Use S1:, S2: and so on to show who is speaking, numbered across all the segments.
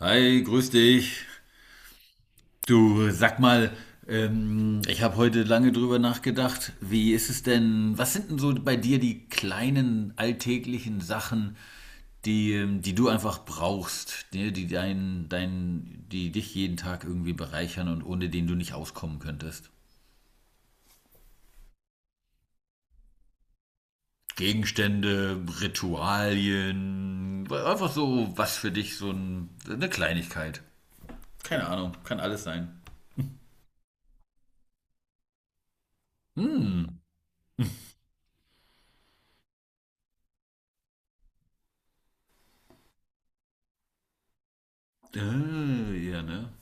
S1: Hi, grüß dich. Du, sag mal, ich habe heute lange drüber nachgedacht. Wie ist es denn, was sind denn so bei dir die kleinen alltäglichen Sachen, die, die du einfach brauchst, die dich jeden Tag irgendwie bereichern und ohne den du nicht auskommen könntest? Gegenstände, Ritualien, einfach so was für dich, eine Kleinigkeit. Keine Ahnung, kann alles sein. Hm, ja, ne?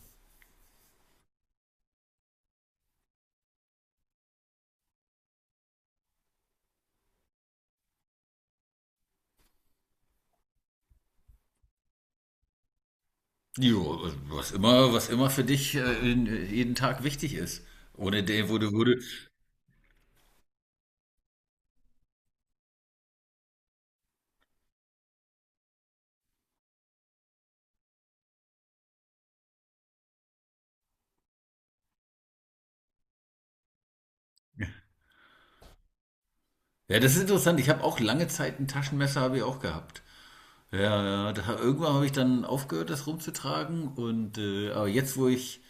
S1: Jo, was immer für dich jeden Tag wichtig ist. Ohne den, wo du, wo du. Ja, das ist interessant. Ich habe auch lange Zeit ein Taschenmesser habe ich auch gehabt. Ja, ja, da, irgendwann habe ich dann aufgehört, das rumzutragen. Und aber jetzt, wo ich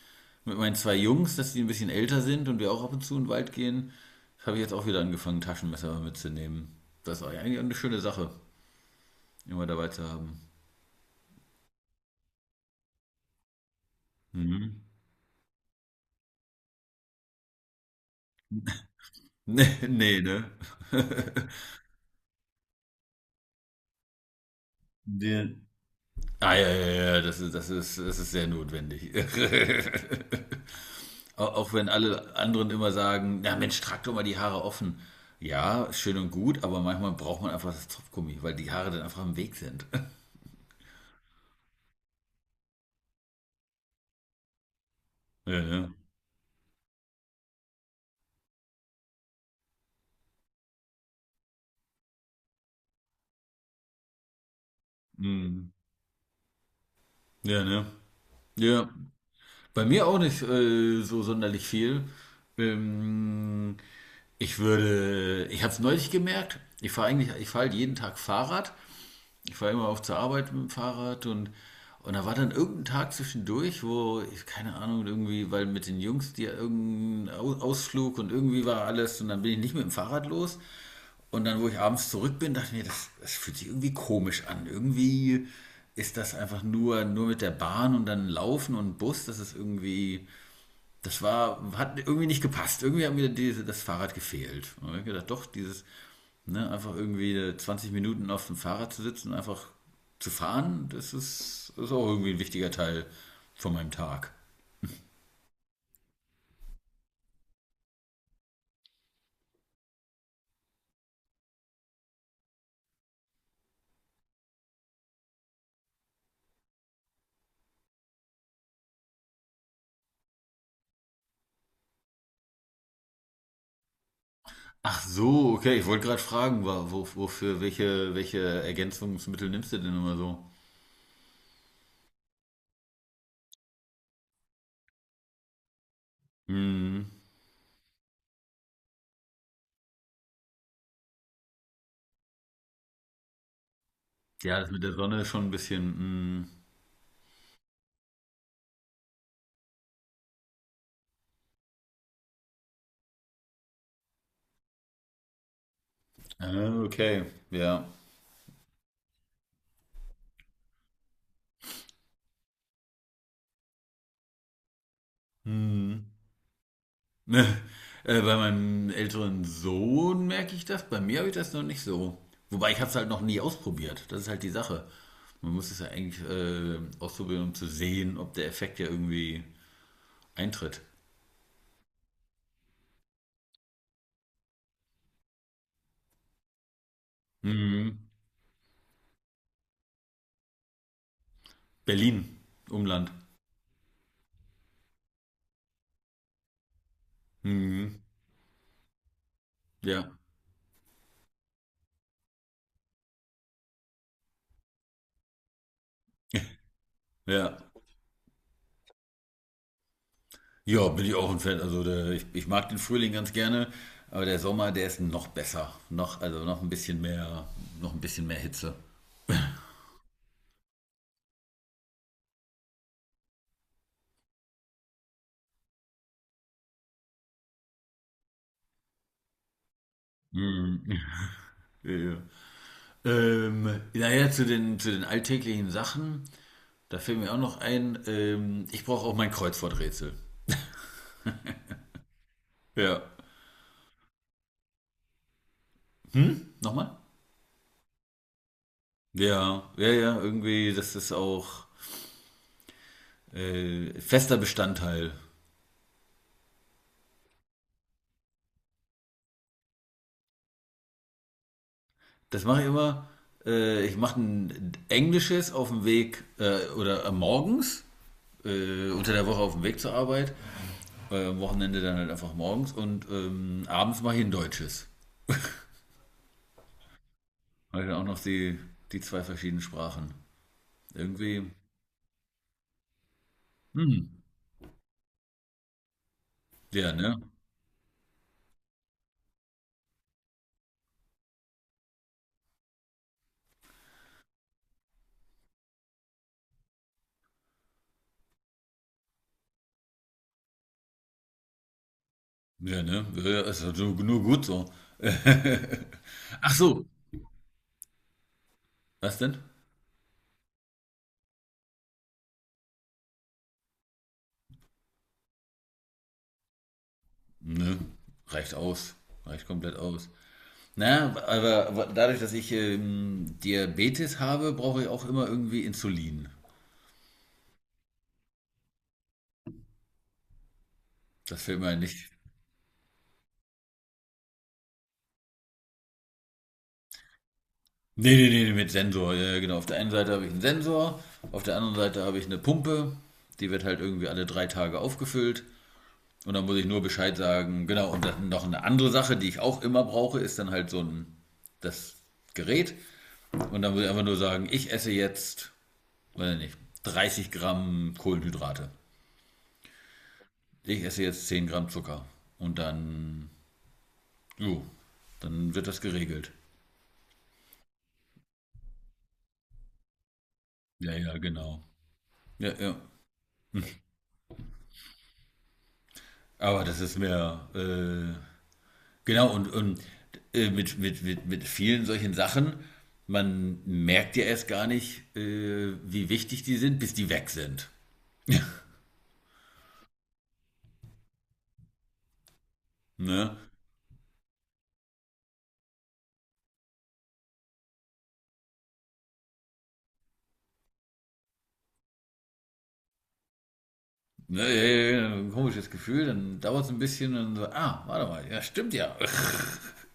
S1: mit meinen zwei Jungs, dass die ein bisschen älter sind und wir auch ab und zu in den Wald gehen, habe ich jetzt auch wieder angefangen, Taschenmesser mitzunehmen. Das ist eigentlich eine schöne Sache, immer dabei zu haben. Mhm. Nee, nee, ne? Nee. Ah, ja, ja, ja, das ist sehr notwendig. Auch wenn alle anderen immer sagen, na Mensch, trag doch mal die Haare offen. Ja, ist schön und gut, aber manchmal braucht man einfach das Zopfgummi, weil die Haare dann einfach im Weg sind. Ja, ne? Mhm. Ja, ne? Ja. Bei mir auch nicht so sonderlich viel. Ähm, ich habe es neulich gemerkt, ich fahre halt jeden Tag Fahrrad. Ich fahre immer auf zur Arbeit mit dem Fahrrad und da war dann irgendein Tag zwischendurch, wo, ich, keine Ahnung, irgendwie, weil mit den Jungs die irgendein Ausflug und irgendwie war alles und dann bin ich nicht mit dem Fahrrad los. Und dann, wo ich abends zurück bin, dachte ich mir, das fühlt sich irgendwie komisch an. Irgendwie ist das einfach nur mit der Bahn und dann Laufen und Bus, das ist irgendwie das war, hat irgendwie nicht gepasst. Irgendwie hat mir das Fahrrad gefehlt. Und ich hab gedacht, doch, dieses, ne, einfach irgendwie 20 Minuten auf dem Fahrrad zu sitzen und einfach zu fahren, das ist auch irgendwie ein wichtiger Teil von meinem Tag. Ach so, okay, ich wollte gerade fragen, wo, wofür, welche Ergänzungsmittel nimmst du denn immer so? Hm, ja, das mit der Sonne ist schon ein bisschen, hm, ah, okay, ja. Hm. Ne, bei meinem älteren Sohn merke ich das. Bei mir habe ich das noch nicht so. Wobei ich habe es halt noch nie ausprobiert. Das ist halt die Sache. Man muss es ja eigentlich ausprobieren, um zu sehen, ob der Effekt ja irgendwie eintritt. Mhm. Berlin, Umland. Mhm. Ja. Ja. Ja, bin ich auch ein Fan. Also ich mag den Frühling ganz gerne, aber der Sommer, der ist noch besser. Also noch ein bisschen mehr, noch ein bisschen mehr Hitze. Mhm. Ja. Naja, zu den alltäglichen Sachen, da fällt mir auch noch ein, ich brauche auch mein Kreuzworträtsel. Ja. Hm? Nochmal? Ja, ja, ja, irgendwie, das ist auch fester Bestandteil. Das mache ich immer, ich mache ein englisches auf dem Weg oder morgens, unter der Woche auf dem Weg zur Arbeit, am Wochenende dann halt einfach morgens und abends mache ich ein deutsches. Habe ich dann auch noch die zwei verschiedenen Sprachen. Irgendwie, hm, ja, ne? Ja, ne? Ja, ist ja nur gut so. Ach so, was denn? Nö, reicht aus. Reicht komplett aus. Na, aber dadurch, dass ich Diabetes habe, brauche ich auch immer irgendwie Insulin. Das fällt mir nicht. Nee, nee, nee, mit Sensor. Ja, ja, genau. Auf der einen Seite habe ich einen Sensor, auf der anderen Seite habe ich eine Pumpe. Die wird halt irgendwie alle 3 Tage aufgefüllt. Und dann muss ich nur Bescheid sagen. Genau, und dann noch eine andere Sache, die ich auch immer brauche, ist dann halt so ein das Gerät. Und dann muss ich einfach nur sagen, ich esse jetzt, weiß nicht, 30 Gramm Kohlenhydrate. Ich esse jetzt 10 Gramm Zucker. Und dann, jo, dann wird das geregelt. Ja, ja, genau. Ja, ja. Aber das ist mehr, genau, und mit vielen solchen Sachen, man merkt ja erst gar nicht, wie wichtig die sind, bis die weg sind. Ne? Ne, ja, ja, ja, ein komisches Gefühl, dann dauert es ein bisschen und so, ah, warte mal, ja, stimmt ja.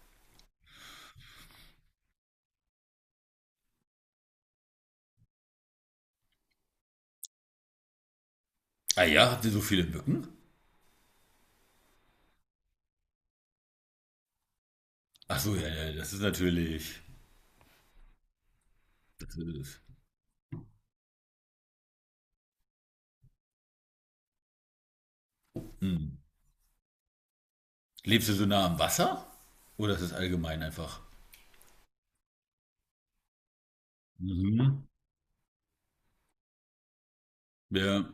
S1: Ah ja, habt ihr so viele Mücken? Ach so, ja, ja, das ist natürlich. Das ist, hm. Lebst du so nah am Wasser? Oder ist es allgemein einfach? Mhm. Ja,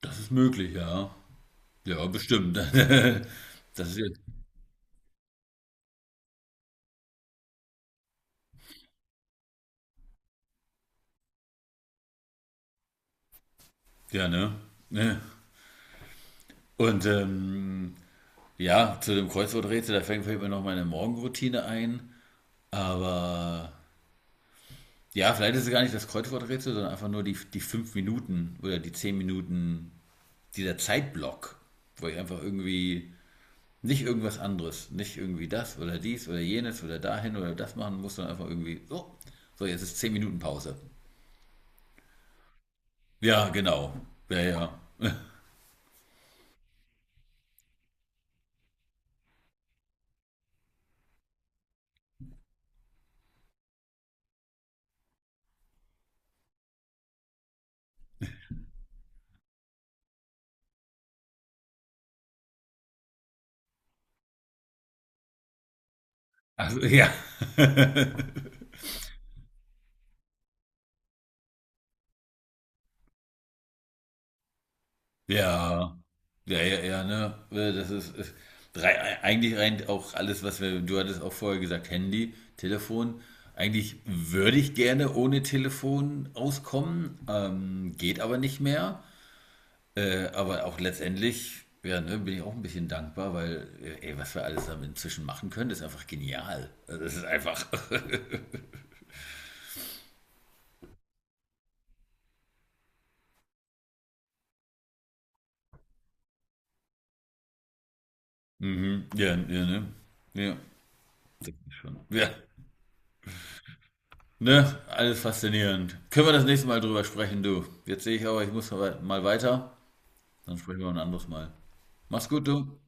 S1: das ist möglich, ja. Ja, bestimmt. Das ist jetzt, ja, ne? Ne. Und ja, zu dem Kreuzworträtsel, da fängt vielleicht mal noch meine Morgenroutine ein. Aber ja, vielleicht ist es gar nicht das Kreuzworträtsel, sondern einfach nur die 5 Minuten oder die 10 Minuten, dieser Zeitblock, wo ich einfach irgendwie nicht irgendwas anderes, nicht irgendwie das oder dies oder jenes oder dahin oder das machen muss, sondern einfach irgendwie, so jetzt ist 10 Minuten Pause. Ja, genau. Ja, ja. Also, ja. Ja, ja, ja, ja, ne? Das ist drei, eigentlich rein auch alles, du hattest auch vorher gesagt, Handy, Telefon. Eigentlich würde ich gerne ohne Telefon auskommen, geht aber nicht mehr. Aber auch letztendlich, ja, ne, bin ich auch ein bisschen dankbar, weil, ey, was wir alles damit inzwischen machen können, ist einfach genial. Also, das ist einfach. Mhm, ja, ja, ne? Ja, das ist schon. Ja. Ne, alles faszinierend. Können wir das nächste Mal drüber sprechen, du? Jetzt sehe ich aber, ich muss mal weiter. Dann sprechen wir ein anderes Mal. Mach's gut, du.